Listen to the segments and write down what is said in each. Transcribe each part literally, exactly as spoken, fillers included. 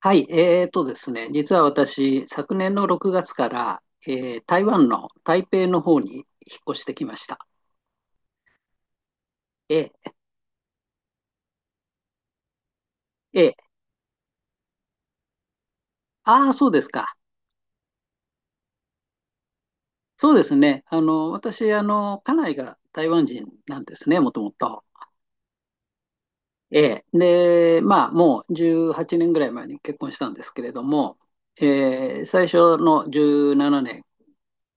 はい、えーとですね、実は私、昨年のろくがつから、えー台湾の台北の方に引っ越してきました。ええええああー、そうですか。そうですね。あの、私、あの、家内が台湾人なんですね、もともと。ええ。で、まあ、もうじゅうはちねんぐらい前に結婚したんですけれども、えー最初のじゅうななねん、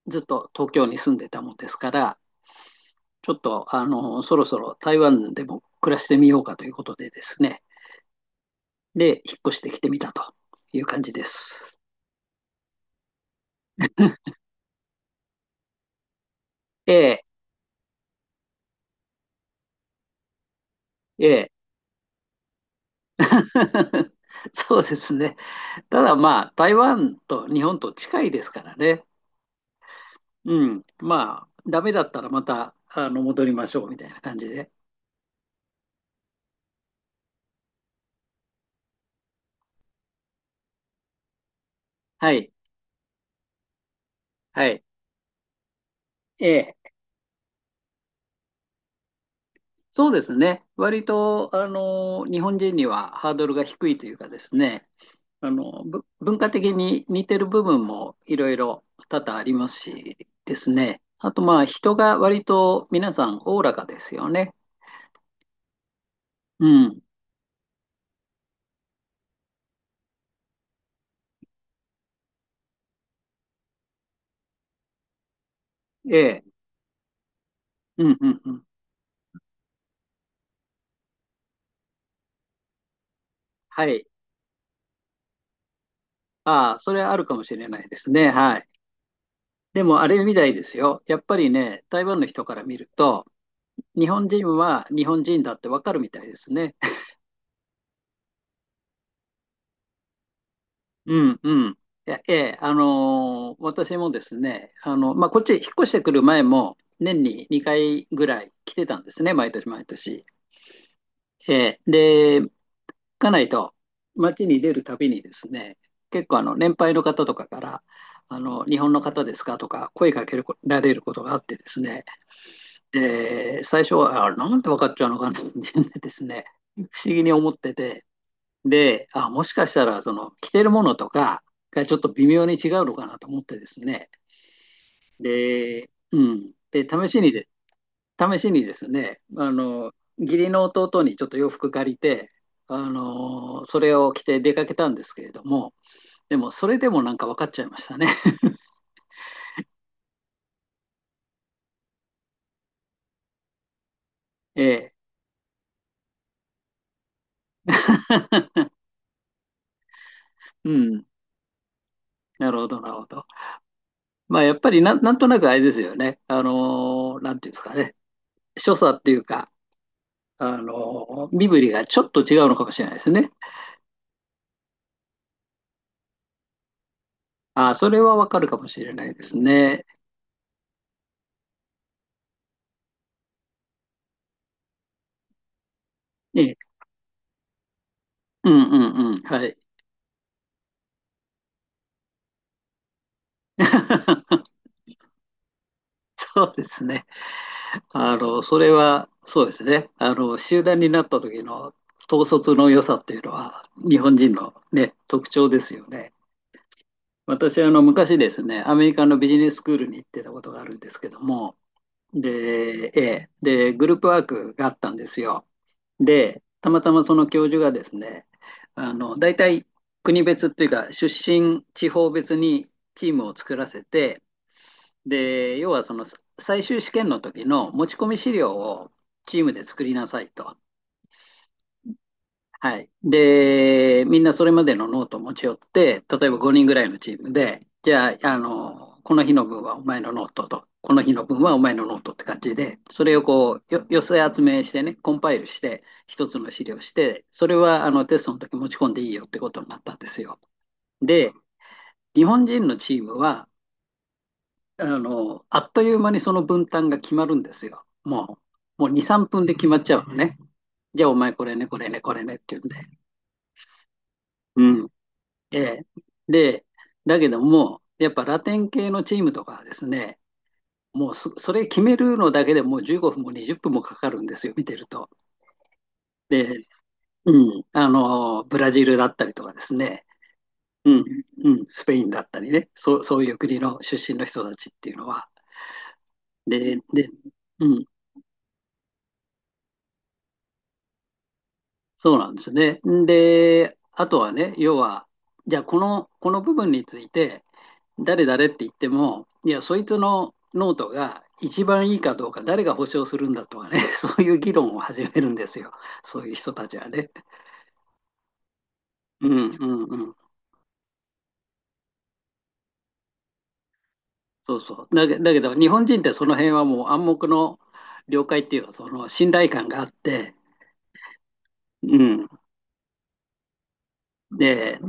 ずっと東京に住んでたもんですから、ちょっと、あの、そろそろ台湾でも暮らしてみようかということでですね、で、引っ越してきてみたという感じです。ええ、ええ。そうですね。ただまあ、台湾と日本と近いですからね。うん。まあ、ダメだったらまた、あの、戻りましょうみたいな感じで。はい。はい。ええ。そうですね。割と、あの、日本人にはハードルが低いというかですね。あの、ぶ文化的に似てる部分もいろいろ多々ありますしですね。あと、まあ、人が割と皆さんおおらかですよね。うん。ええ。うん、うん、うん。はい。ああ、それはあるかもしれないですね。はい。でも、あれみたいですよ。やっぱりね、台湾の人から見ると、日本人は日本人だってわかるみたいですね。うんうん。いやええ、あのー私もですね、あの、まあ、こっちへ引っ越してくる前も、年ににかいぐらい来てたんですね、毎年毎年。ええ、で、家内と街に出るたびにですね、結構あの、年配の方とかから、あの、日本の方ですかとか声かけられることがあってですね、で、最初は、あ、なんて分かっちゃうのかなってですね、不思議に思ってて、で、あ、もしかしたら、その、着てるものとかがちょっと微妙に違うのかなと思ってですね。で、うん。で、試しにで、試しにですね、あの、義理の弟にちょっと洋服借りて、あの、それを着て出かけたんですけれども、でも、それでもなんか分かっちゃいましたね。ええ。うん。なるほど、なるほど。まあ、やっぱりなん、なんとなくあれですよね。あの、なんていうんですかね。所作っていうか、あの、身振りがちょっと違うのかもしれないですね。あ、それはわかるかもしれないですね。ええ、うんうんうん、はい。そうですね。あの、それは、そうですね。あの、集団になった時の統率の良さっていうのは、日本人のね、特徴ですよね。私、あの、昔ですね、アメリカのビジネススクールに行ってたことがあるんですけども、で、ええで、グループワークがあったんですよ。で、たまたまその教授がですね、あの、大体国別っていうか、出身地方別にチームを作らせて、で、要はその最終試験の時の持ち込み資料をチームで作りなさいと。はい。で、みんなそれまでのノートを持ち寄って、例えばごにんぐらいのチームで、じゃあ、あの、この日の分はお前のノートと、この日の分はお前のノートって感じで、それをこう、よ、寄せ集めしてね、コンパイルして、一つの資料して、それはあのテストの時持ち込んでいいよってことになったんですよ。で、日本人のチームは、あの、あっという間にその分担が決まるんですよ。もう、もうに、さんぷんで決まっちゃうのね。じゃあお前これね、これね、これねっていうんで。うん。ええ。で、だけども、やっぱラテン系のチームとかはですね、もうそ、それ決めるのだけでもうじゅうごふんもにじゅっぷんもかかるんですよ、見てると。で、うん、あの、ブラジルだったりとかですね、うん、うん、スペインだったりね、そう、そういう国の出身の人たちっていうのは。で、で、うん、そうなんですね。で、あとはね、要は、じゃあこの、この部分について、誰誰って言っても、いや、そいつのノートが一番いいかどうか、誰が保証するんだとかね、そういう議論を始めるんですよ、そういう人たちはね。うんうんうん、そうそう。だけだけど、日本人ってその辺はもう暗黙の了解っていうか、その信頼感があって、うん、で、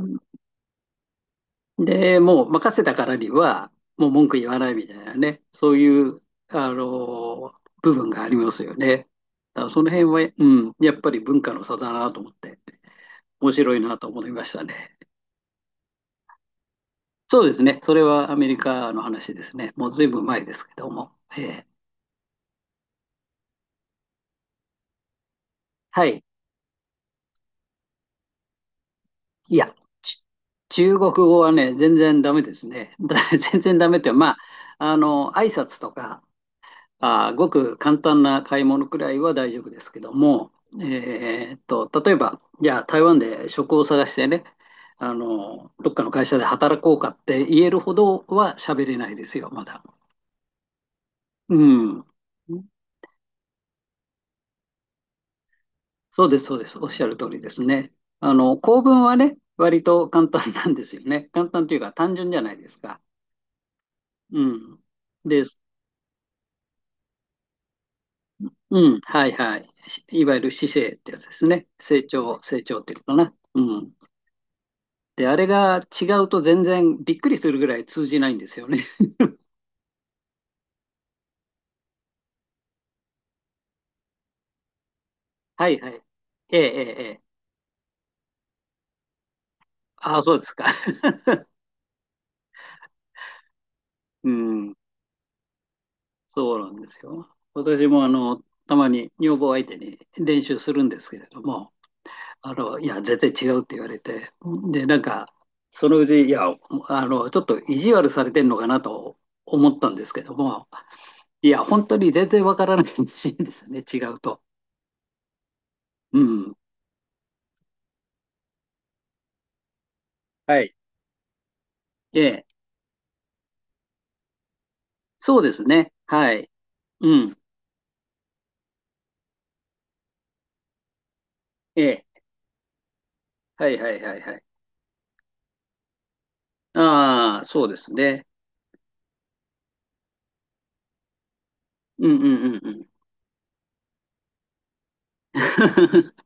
でもう任せたからには、もう文句言わないみたいなね、そういうあの部分がありますよね。だからその辺は、うん、やっぱり文化の差だなと思って。面白いなと思いましたね。そうですね。それはアメリカの話ですね。もうずいぶん前ですけども。えー、はい。いや、ち中国語はね、全然ダメですね。だ 全然ダメっていうのは、まあ、あの、挨拶とか、あー、ごく簡単な買い物くらいは大丈夫ですけども、えーっと、例えば、じゃあ台湾で職を探してね、あの、どっかの会社で働こうかって言えるほどは喋れないですよ、まだ。うん。そうです、そうです。おっしゃる通りですね。あの、構文はね、割と簡単なんですよね。簡単というか単純じゃないですか。うん。です。うん、はいはい。しいわゆる姿勢ってやつですね。成長、成長っていうのかな。うん。で、あれが違うと全然びっくりするぐらい通じないんですよね。はいはい。ええ、ええ、ええ。ああ、そうですか。うん、そうなんですよ。私もあの、たまに女房相手に練習するんですけれども、あの、いや、全然違うって言われて、で、なんか、そのうち、いや、あの、ちょっと意地悪されてんのかなと思ったんですけども、いや、本当に全然わからないらしいんですよね、違うと。うん。はい。ええ、そうですね。はい。うん。ええ、はいはいはいはい。ああ、そうですね。うんうんうんうん。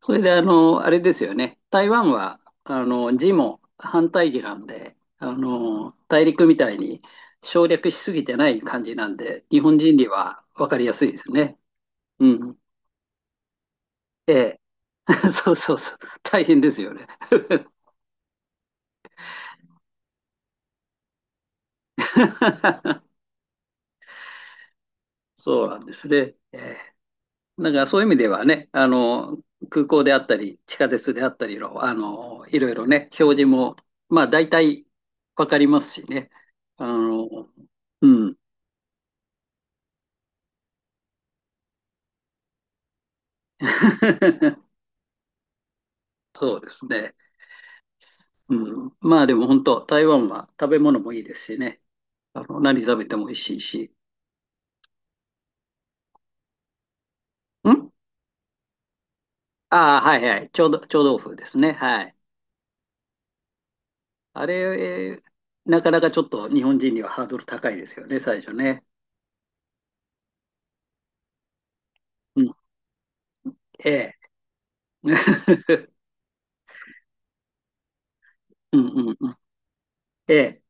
それで、あの、あれですよね。台湾は、あの、字も反対字なんで、あの、大陸みたいに省略しすぎてない感じなんで、日本人には分かりやすいですね。うん。ええ。そうそうそう。大変ですよね。そうなんですね。ええ。だからそういう意味ではね、あの、空港であったり、地下鉄であったりの、あの、いろいろね、表示も、まあ、大体分かりますしね。あの、うん。そうですね。うん。まあでも本当、台湾は食べ物もいいですしね。あの、何食べても美味しいし。ん、ああー、はいはい。臭豆臭豆腐ですね。はい。あれ、えーなかなかちょっと日本人にはハードル高いですよね、最初ね。うん。ええ。うんうんうん。ええ。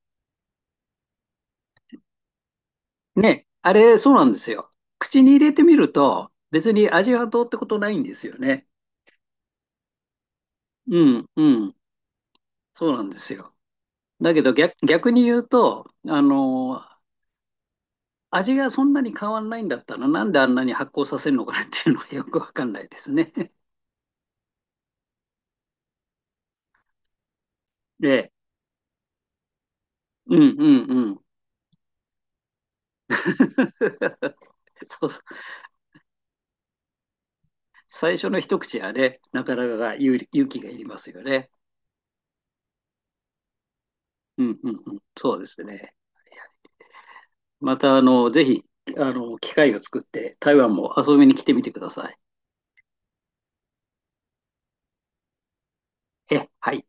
ね。あれ、そうなんですよ。口に入れてみると、別に味はどうってことないんですよね。うんうん。そうなんですよ。だけど逆、逆に言うと、あの、味がそんなに変わんないんだったら、なんであんなに発酵させるのかなっていうのはよくわかんないですね。え、うんうんうん。そうそう。最初の一口はね、なかなか勇勇気がいりますよね。うんうんうん。そうですね。また、あの、ぜひ、あの、機会を作って、台湾も遊びに来てみてください。え、はい。